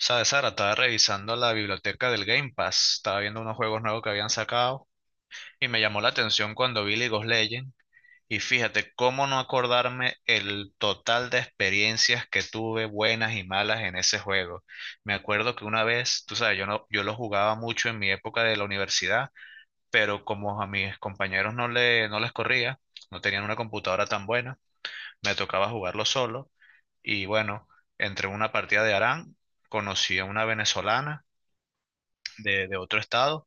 Sabes, Sara, estaba revisando la biblioteca del Game Pass, estaba viendo unos juegos nuevos que habían sacado y me llamó la atención cuando vi League of Legends. Y fíjate cómo no acordarme el total de experiencias que tuve buenas y malas en ese juego. Me acuerdo que una vez, tú sabes, yo no, yo lo jugaba mucho en mi época de la universidad, pero como a mis compañeros no les corría, no tenían una computadora tan buena, me tocaba jugarlo solo y bueno, entre una partida de Aran conocí a una venezolana de otro estado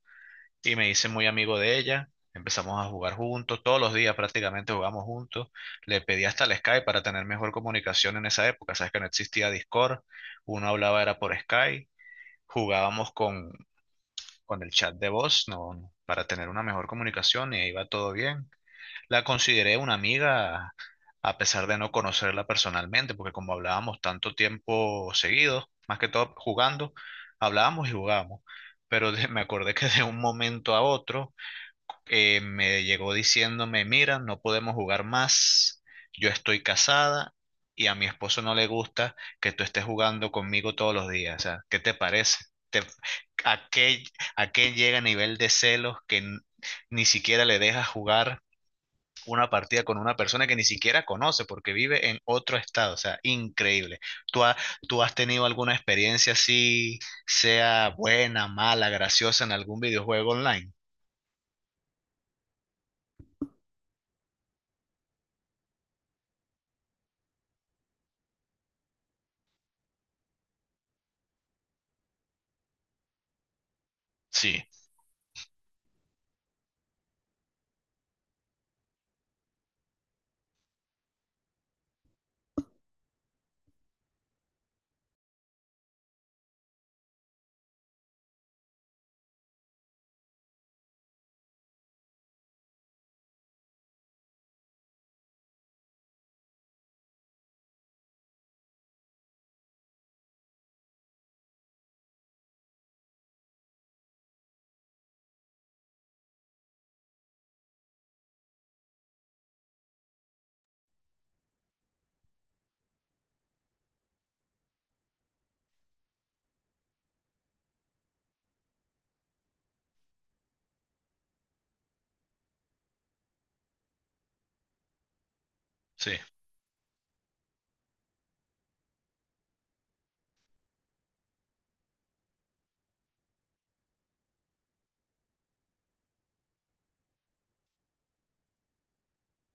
y me hice muy amigo de ella. Empezamos a jugar juntos, todos los días prácticamente jugamos juntos. Le pedí hasta el Skype para tener mejor comunicación en esa época. Sabes que no existía Discord, uno hablaba era por Skype, jugábamos con el chat de voz, no, para tener una mejor comunicación y ahí va todo bien. La consideré una amiga a pesar de no conocerla personalmente, porque como hablábamos tanto tiempo seguido, más que todo jugando, hablábamos y jugábamos. Pero me acordé que de un momento a otro, me llegó diciéndome, mira, no podemos jugar más, yo estoy casada y a mi esposo no le gusta que tú estés jugando conmigo todos los días. O sea, ¿qué te parece? ¿Te- a qué, ¿a qué llega a nivel de celos que ni siquiera le dejas jugar una partida con una persona que ni siquiera conoce porque vive en otro estado? O sea, increíble. ¿Tú, ha- ¿tú has tenido alguna experiencia así, sea buena, mala, graciosa en algún videojuego online? Sí, sí.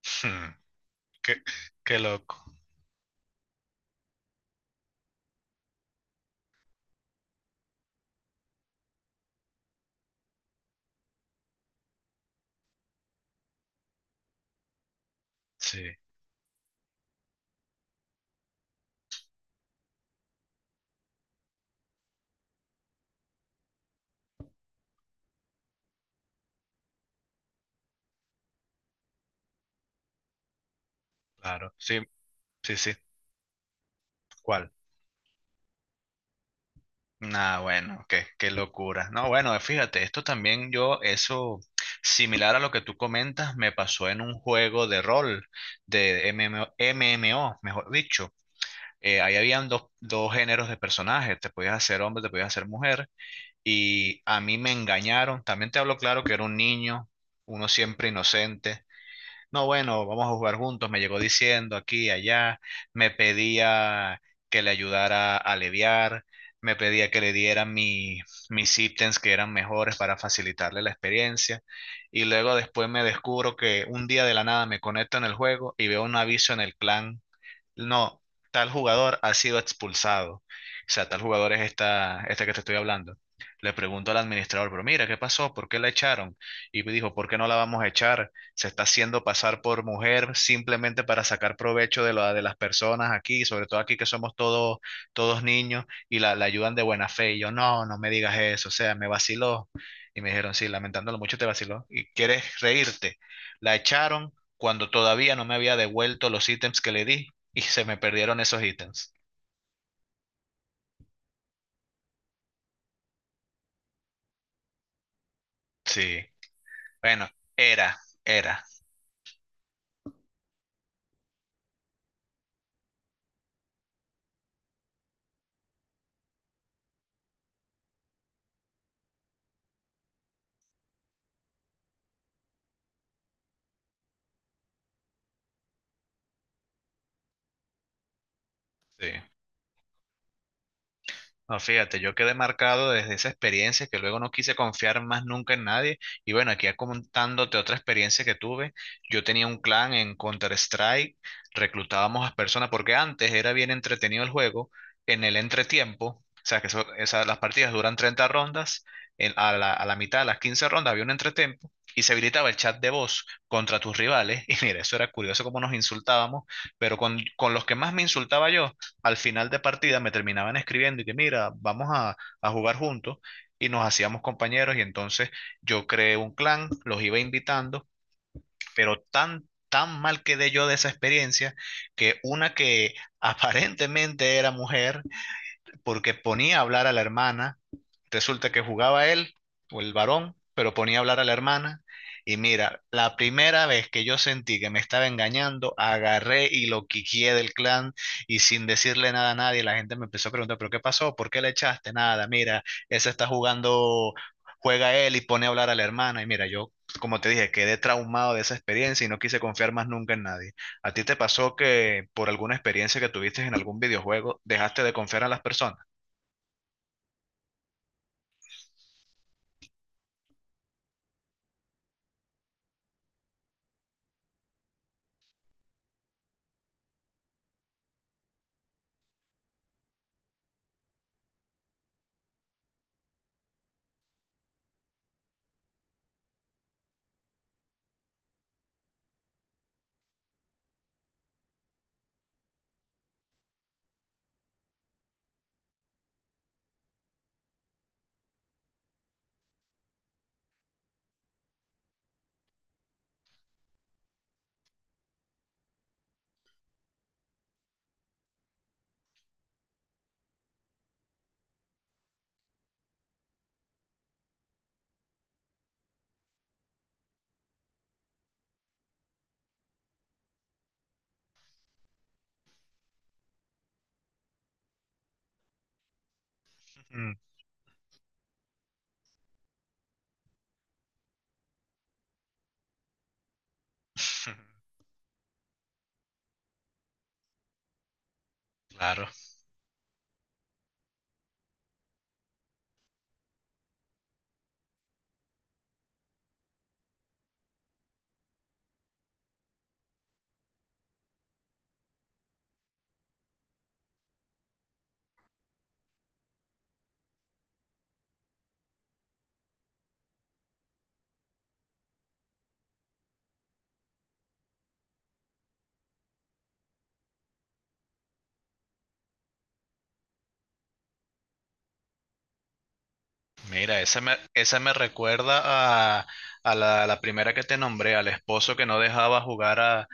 Hmm. Qué, qué loco. Sí, claro. Sí, sí, sí. ¿Cuál? Ah, bueno, qué, qué locura. No, bueno, fíjate, esto también yo, eso similar a lo que tú comentas, me pasó en un juego de rol, de m M o mejor dicho. Ahí habían dos géneros de personajes, te podías hacer hombre, te podías hacer mujer, y a mí me engañaron, también te hablo claro que era un niño, uno siempre inocente. No, bueno, vamos a jugar juntos, me llegó diciendo aquí, allá, me pedía que le ayudara a aliviar, me pedía que le diera mis ítems que eran mejores para facilitarle la experiencia, y luego después me descubro que un día de la nada me conecto en el juego y veo un aviso en el clan: no, tal jugador ha sido expulsado. O sea, tal jugador es esta que te estoy hablando. Le pregunto al administrador, pero mira, ¿qué pasó? ¿Por qué la echaron? Y me dijo, ¿por qué no la vamos a echar? Se está haciendo pasar por mujer simplemente para sacar provecho de, la, de las personas aquí, sobre todo aquí que somos todos, todos niños, y la ayudan de buena fe. Y yo, no, no me digas eso, o sea, me vaciló. Y me dijeron, sí, lamentándolo mucho te vaciló. ¿Y quieres reírte? La echaron cuando todavía no me había devuelto los ítems que le di y se me perdieron esos ítems. Sí. Bueno, era, era. Sí. No, fíjate, yo quedé marcado desde esa experiencia que luego no quise confiar más nunca en nadie. Y bueno, aquí contándote otra experiencia que tuve. Yo tenía un clan en Counter-Strike, reclutábamos a personas, porque antes era bien entretenido el juego, en el entretiempo, o sea, que eso, las partidas duran 30 rondas, a la mitad de las 15 rondas había un entretiempo y se habilitaba el chat de voz contra tus rivales. Y mira, eso era curioso cómo nos insultábamos, pero con los que más me insultaba yo al final de partida me terminaban escribiendo y que mira, vamos a jugar juntos y nos hacíamos compañeros. Y entonces yo creé un clan, los iba invitando, pero tan mal quedé yo de esa experiencia que una que aparentemente era mujer porque ponía a hablar a la hermana. Resulta que jugaba él o el varón, pero ponía a hablar a la hermana. Y mira, la primera vez que yo sentí que me estaba engañando, agarré y lo quiqué del clan y sin decirle nada a nadie, la gente me empezó a preguntar, ¿pero qué pasó? ¿Por qué le echaste? Nada, mira, ese está jugando, juega él y pone a hablar a la hermana. Y mira, yo, como te dije, quedé traumado de esa experiencia y no quise confiar más nunca en nadie. ¿A ti te pasó que por alguna experiencia que tuviste en algún videojuego, dejaste de confiar a las personas? Mm. Claro, mira, esa me recuerda a, a la primera que te nombré, al esposo que no dejaba jugar a,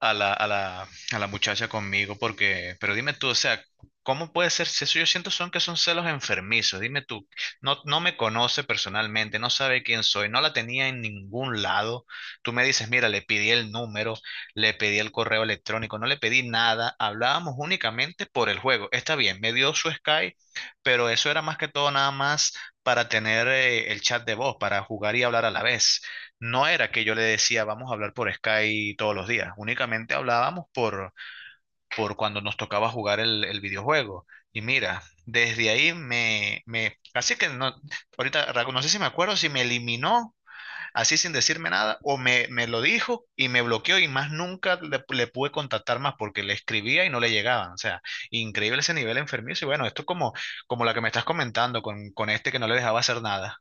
a la, a la, a la muchacha conmigo, porque, pero dime tú, o sea, ¿cómo puede ser? Si eso yo siento son que son celos enfermizos, dime tú, no, no me conoce personalmente, no sabe quién soy, no la tenía en ningún lado, tú me dices, mira, le pedí el número, le pedí el correo electrónico, no le pedí nada, hablábamos únicamente por el juego, está bien, me dio su Skype, pero eso era más que todo nada más para tener el chat de voz, para jugar y hablar a la vez. No era que yo le decía, vamos a hablar por Skype todos los días. Únicamente hablábamos por cuando nos tocaba jugar el videojuego. Y mira, desde ahí así que no, ahorita Raco, no sé si me acuerdo si me eliminó así sin decirme nada o me lo dijo y me bloqueó y más nunca le pude contactar más porque le escribía y no le llegaban. O sea, increíble ese nivel enfermizo. Y bueno, esto como, como la que me estás comentando con este que no le dejaba hacer nada.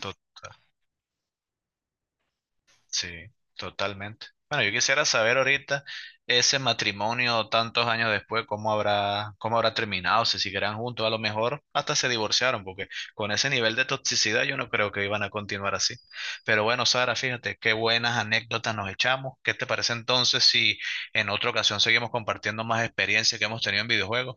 Total. Sí, totalmente. Bueno, yo quisiera saber ahorita ese matrimonio tantos años después, cómo habrá terminado, si seguirán juntos, a lo mejor hasta se divorciaron, porque con ese nivel de toxicidad yo no creo que iban a continuar así. Pero bueno, Sara, fíjate, qué buenas anécdotas nos echamos. ¿Qué te parece entonces si en otra ocasión seguimos compartiendo más experiencias que hemos tenido en videojuegos?